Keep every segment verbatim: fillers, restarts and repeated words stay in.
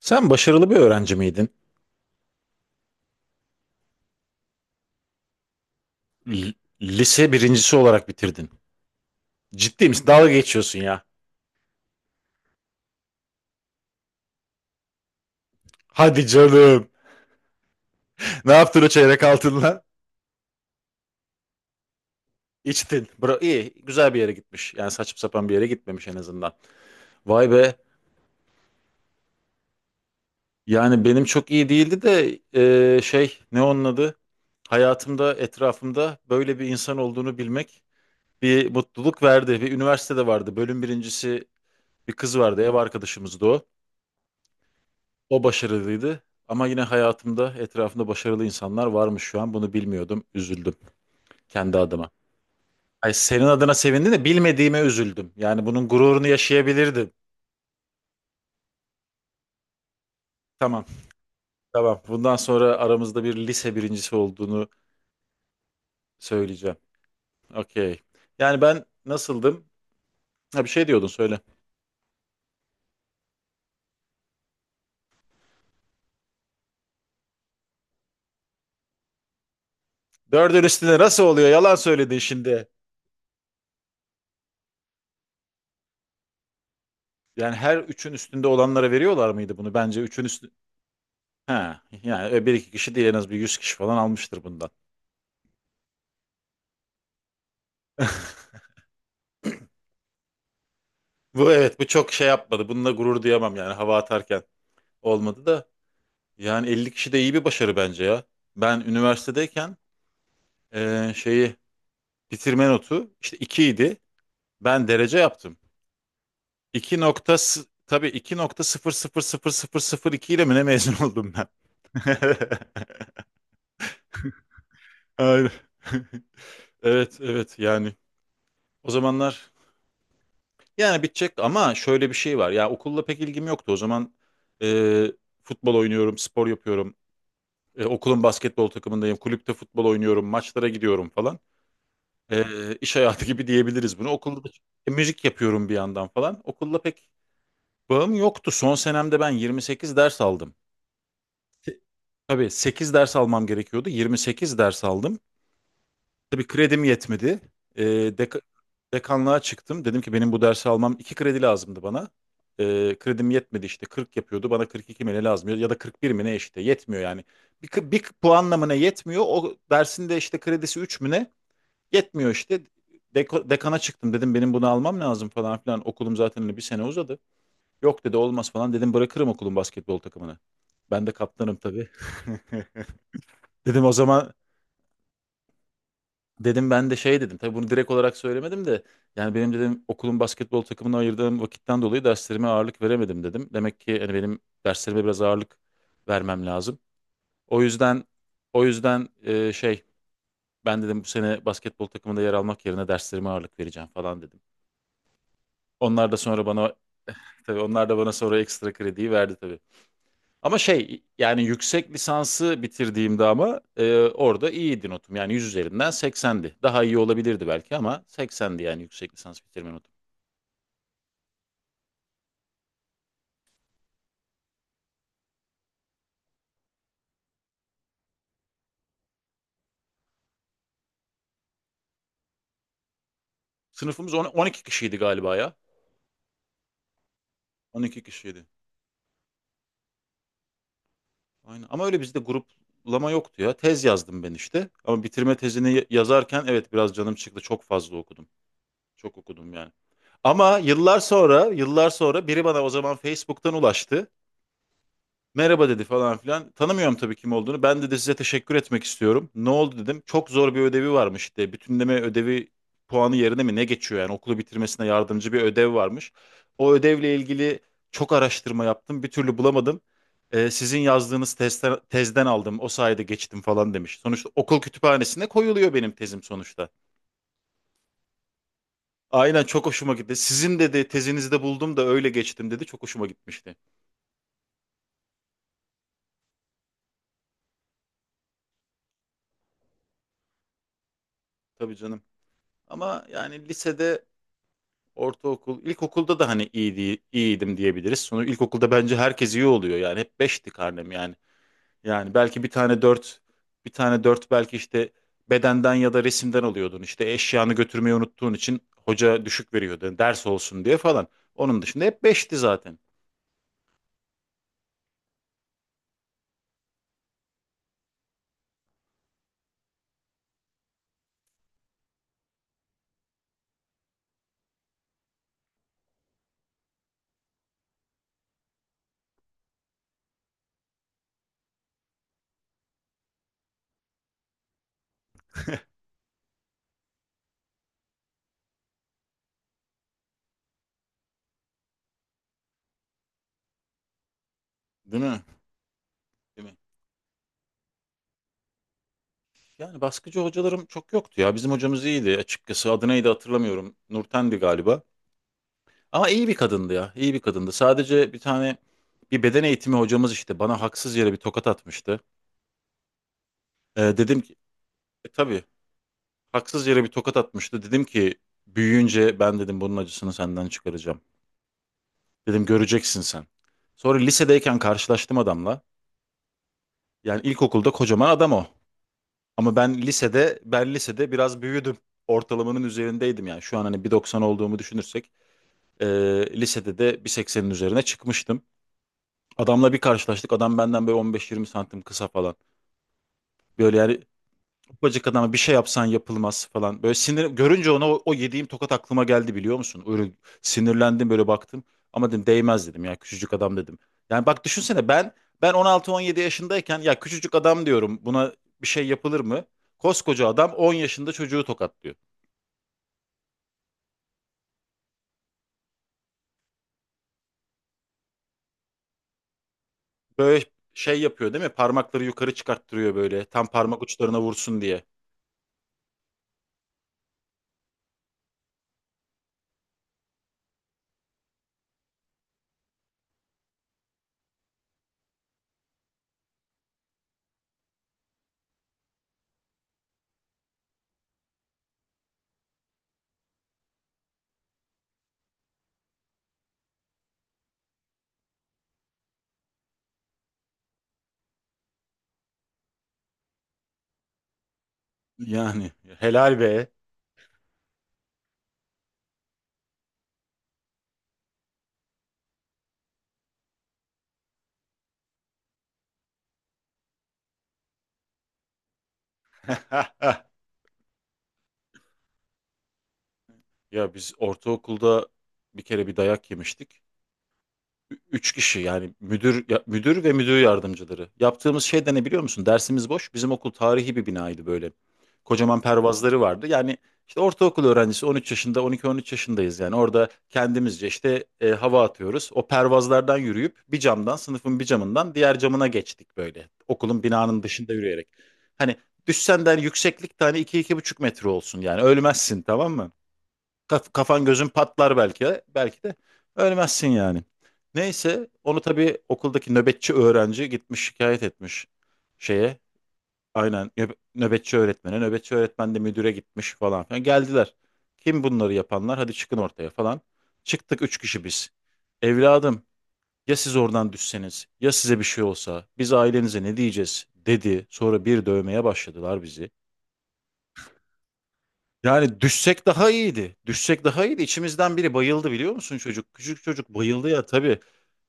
Sen başarılı bir öğrenci miydin? L- lise birincisi olarak bitirdin. Ciddi misin? Dalga geçiyorsun ya. Hadi canım. Ne yaptın o çeyrek altınla? İçtin. Bra iyi. Güzel bir yere gitmiş. Yani saçıp sapan bir yere gitmemiş en azından. Vay be. Yani benim çok iyi değildi de e, şey ne onun adı? Hayatımda etrafımda böyle bir insan olduğunu bilmek bir mutluluk verdi. Bir üniversitede vardı. Bölüm birincisi bir kız vardı. Ev arkadaşımızdı o. O başarılıydı ama yine hayatımda etrafımda başarılı insanlar varmış şu an. Bunu bilmiyordum. Üzüldüm kendi adıma. Ay senin adına sevindim de bilmediğime üzüldüm. Yani bunun gururunu yaşayabilirdim. Tamam, tamam. Bundan sonra aramızda bir lise birincisi olduğunu söyleyeceğim. Okey. Yani ben nasıldım? Ha bir şey diyordun söyle. Dördün üstünde nasıl oluyor? Yalan söyledin şimdi. Yani her üçün üstünde olanlara veriyorlar mıydı bunu? Bence üçün üstü... Ha, yani bir iki kişi değil en az bir yüz kişi falan almıştır bundan. Bu, evet, bu çok şey yapmadı. Bununla gurur duyamam yani hava atarken olmadı da. Yani elli kişi de iyi bir başarı bence ya. Ben üniversitedeyken eee, şeyi bitirme notu işte iki idi. Ben derece yaptım. iki nokta s- tabii iki nokta sıfır sıfır sıfır sıfır sıfır iki ile mi ne mezun oldum ben? Aynen. Evet evet, yani o zamanlar yani bitecek ama şöyle bir şey var. Ya okulla pek ilgim yoktu. O zaman eee, futbol oynuyorum, spor yapıyorum. E, okulun basketbol takımındayım, kulüpte futbol oynuyorum, maçlara gidiyorum falan. E, iş hayatı gibi diyebiliriz bunu. Okulda da e, müzik yapıyorum bir yandan falan. Okulla pek bağım yoktu. Son senemde ben yirmi sekiz ders aldım. Se- Tabii sekiz ders almam gerekiyordu. yirmi sekiz ders aldım. Tabii kredim yetmedi. Ee, deka- Dekanlığa çıktım. Dedim ki benim bu dersi almam iki kredi lazımdı bana. Ee, kredim yetmedi işte kırk yapıyordu. Bana kırk iki mi ne lazım ya da kırk bir mi ne işte yetmiyor yani. Bir, k- bir puanla mı ne yetmiyor. O dersin de işte kredisi üç mü ne yetmiyor işte. Deko- dekana çıktım, dedim benim bunu almam lazım falan filan. Okulum zaten hani bir sene uzadı. Yok dedi olmaz, falan dedim bırakırım okulun basketbol takımını. Ben de kaptanım tabii. Dedim o zaman Dedim ben de şey dedim. Tabii bunu direkt olarak söylemedim de yani benim dedim okulun basketbol takımına ayırdığım vakitten dolayı derslerime ağırlık veremedim dedim. Demek ki hani benim derslerime biraz ağırlık vermem lazım. O yüzden o yüzden e, şey ben dedim bu sene basketbol takımında yer almak yerine derslerime ağırlık vereceğim falan dedim. Onlar da sonra bana Tabii onlar da bana sonra ekstra krediyi verdi. Ama şey yani yüksek lisansı bitirdiğimde ama e, orada iyiydi notum. Yani yüz üzerinden seksendi. Daha iyi olabilirdi belki ama seksendi yani yüksek lisans bitirme notum. Sınıfımız on- 12 kişiydi galiba ya. on iki kişiydi. Aynen. Ama öyle bizde gruplama yoktu ya. Tez yazdım ben işte. Ama bitirme tezini yazarken evet biraz canım çıktı. Çok fazla okudum. Çok okudum yani. Ama yıllar sonra, yıllar sonra biri bana o zaman Facebook'tan ulaştı. Merhaba dedi falan filan. Tanımıyorum tabii kim olduğunu. Ben dedi size teşekkür etmek istiyorum. Ne oldu dedim. Çok zor bir ödevi varmış işte. Bütünleme ödevi puanı yerine mi ne geçiyor yani okulu bitirmesine yardımcı bir ödev varmış. O ödevle ilgili çok araştırma yaptım. Bir türlü bulamadım. Ee, sizin yazdığınız tezden, tezden aldım. O sayede geçtim falan demiş. Sonuçta okul kütüphanesine koyuluyor benim tezim sonuçta. Aynen çok hoşuma gitti. Sizin dedi tezinizi de buldum da öyle geçtim dedi. Çok hoşuma gitmişti. Tabii canım. Ama yani lisede, ortaokul, ilkokulda da hani iyiydi, iyiydim diyebiliriz. Sonra ilkokulda bence herkes iyi oluyor yani. Hep beşti karnem yani. Yani belki bir tane dört, bir tane dört belki işte bedenden ya da resimden alıyordun. İşte eşyanı götürmeyi unuttuğun için hoca düşük veriyordu. Ders olsun diye falan. Onun dışında hep beşti zaten. Değil mi? Değil mi? Yani baskıcı hocalarım çok yoktu ya. Bizim hocamız iyiydi açıkçası. Adı neydi hatırlamıyorum. Nurten'di galiba. Ama iyi bir kadındı ya. İyi bir kadındı. Sadece bir tane bir beden eğitimi hocamız işte bana haksız yere bir tokat atmıştı. Ee, dedim ki e, tabii haksız yere bir tokat atmıştı. Dedim ki büyüyünce ben dedim bunun acısını senden çıkaracağım. Dedim göreceksin sen. Sonra lisedeyken karşılaştım adamla. Yani ilkokulda kocaman adam o. Ama ben lisede ben lisede biraz büyüdüm. Ortalamanın üzerindeydim yani. Şu an hani bir doksan olduğumu düşünürsek e, lisede de bir seksenin üzerine çıkmıştım. Adamla bir karşılaştık. Adam benden böyle on beş yirmi santim kısa falan. Böyle yani ufacık adama bir şey yapsan yapılmaz falan. Böyle sinir görünce ona o, o yediğim tokat aklıma geldi biliyor musun? Öyle sinirlendim böyle baktım. Ama dedim değmez dedim ya küçücük adam dedim. Yani bak düşünsene ben ben on altı on yedi yaşındayken ya küçücük adam diyorum buna bir şey yapılır mı? Koskoca adam on yaşında çocuğu tokatlıyor. Böyle şey yapıyor değil mi? Parmakları yukarı çıkarttırıyor böyle tam parmak uçlarına vursun diye. Yani helal be. Ya biz ortaokulda bir kere bir dayak yemiştik. Ü- Üç kişi yani müdür ya- müdür ve müdür yardımcıları. Yaptığımız şey de ne biliyor musun? Dersimiz boş. Bizim okul tarihi bir binaydı böyle. Kocaman pervazları vardı. Yani işte ortaokul öğrencisi on üç yaşında on iki on üç yaşındayız yani. Orada kendimizce işte e, hava atıyoruz. O pervazlardan yürüyüp bir camdan sınıfın bir camından diğer camına geçtik böyle. Okulun binanın dışında yürüyerek. Hani düşsen de hani yükseklik tane iki iki buçuk metre olsun yani ölmezsin tamam mı? Kaf- Kafan gözün patlar belki de, belki de ölmezsin yani. Neyse onu tabii okuldaki nöbetçi öğrenci gitmiş şikayet etmiş şeye. Aynen nöb- nöbetçi öğretmene. Nöbetçi öğretmen de müdüre gitmiş falan filan. Geldiler. Kim bunları yapanlar? Hadi çıkın ortaya falan. Çıktık üç kişi biz. Evladım ya siz oradan düşseniz ya size bir şey olsa biz ailenize ne diyeceğiz dedi. Sonra bir dövmeye başladılar bizi. Yani düşsek daha iyiydi. Düşsek daha iyiydi. İçimizden biri bayıldı biliyor musun çocuk? Küçük çocuk bayıldı ya tabii.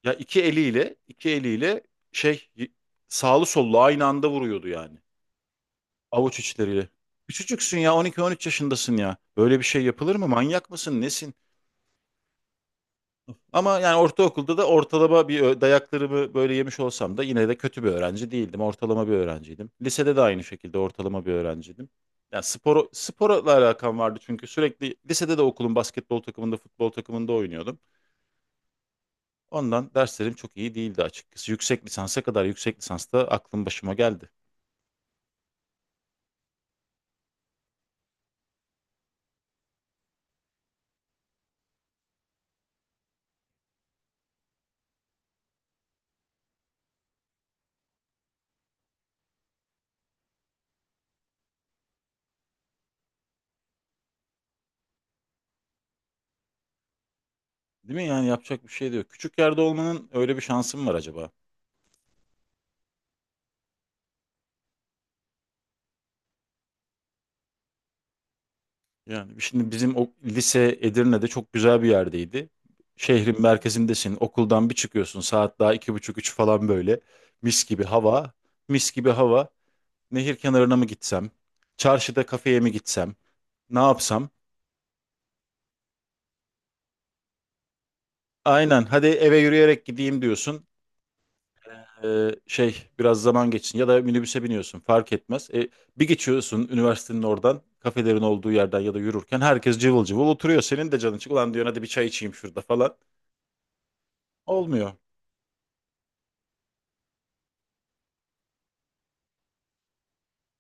Ya iki eliyle, iki eliyle şey y- sağlı sollu aynı anda vuruyordu yani. Avuç içleriyle. Küçücüksün ya on iki on üç yaşındasın ya. Böyle bir şey yapılır mı? Manyak mısın? Nesin? Ama yani ortaokulda da ortalama bir ö- dayaklarımı böyle yemiş olsam da yine de kötü bir öğrenci değildim. Ortalama bir öğrenciydim. Lisede de aynı şekilde ortalama bir öğrenciydim. Yani spor, sporla alakam vardı çünkü sürekli lisede de okulun basketbol takımında, futbol takımında oynuyordum. Ondan derslerim çok iyi değildi açıkçası. Yüksek lisansa kadar yüksek lisansta aklım başıma geldi. Değil mi? Yani yapacak bir şey de yok. Küçük yerde olmanın öyle bir şansım var acaba? Yani şimdi bizim o lise Edirne'de çok güzel bir yerdeydi. Şehrin merkezindesin, okuldan bir çıkıyorsun saat daha iki buçuk üç falan böyle. Mis gibi hava, mis gibi hava. Nehir kenarına mı gitsem, çarşıda kafeye mi gitsem, ne yapsam? Aynen hadi eve yürüyerek gideyim diyorsun. Ee, şey biraz zaman geçsin ya da minibüse biniyorsun fark etmez. E, bir geçiyorsun üniversitenin oradan kafelerin olduğu yerden ya da yürürken herkes cıvıl cıvıl oturuyor. Senin de canın çık ulan diyorsun hadi bir çay içeyim şurada falan. Olmuyor.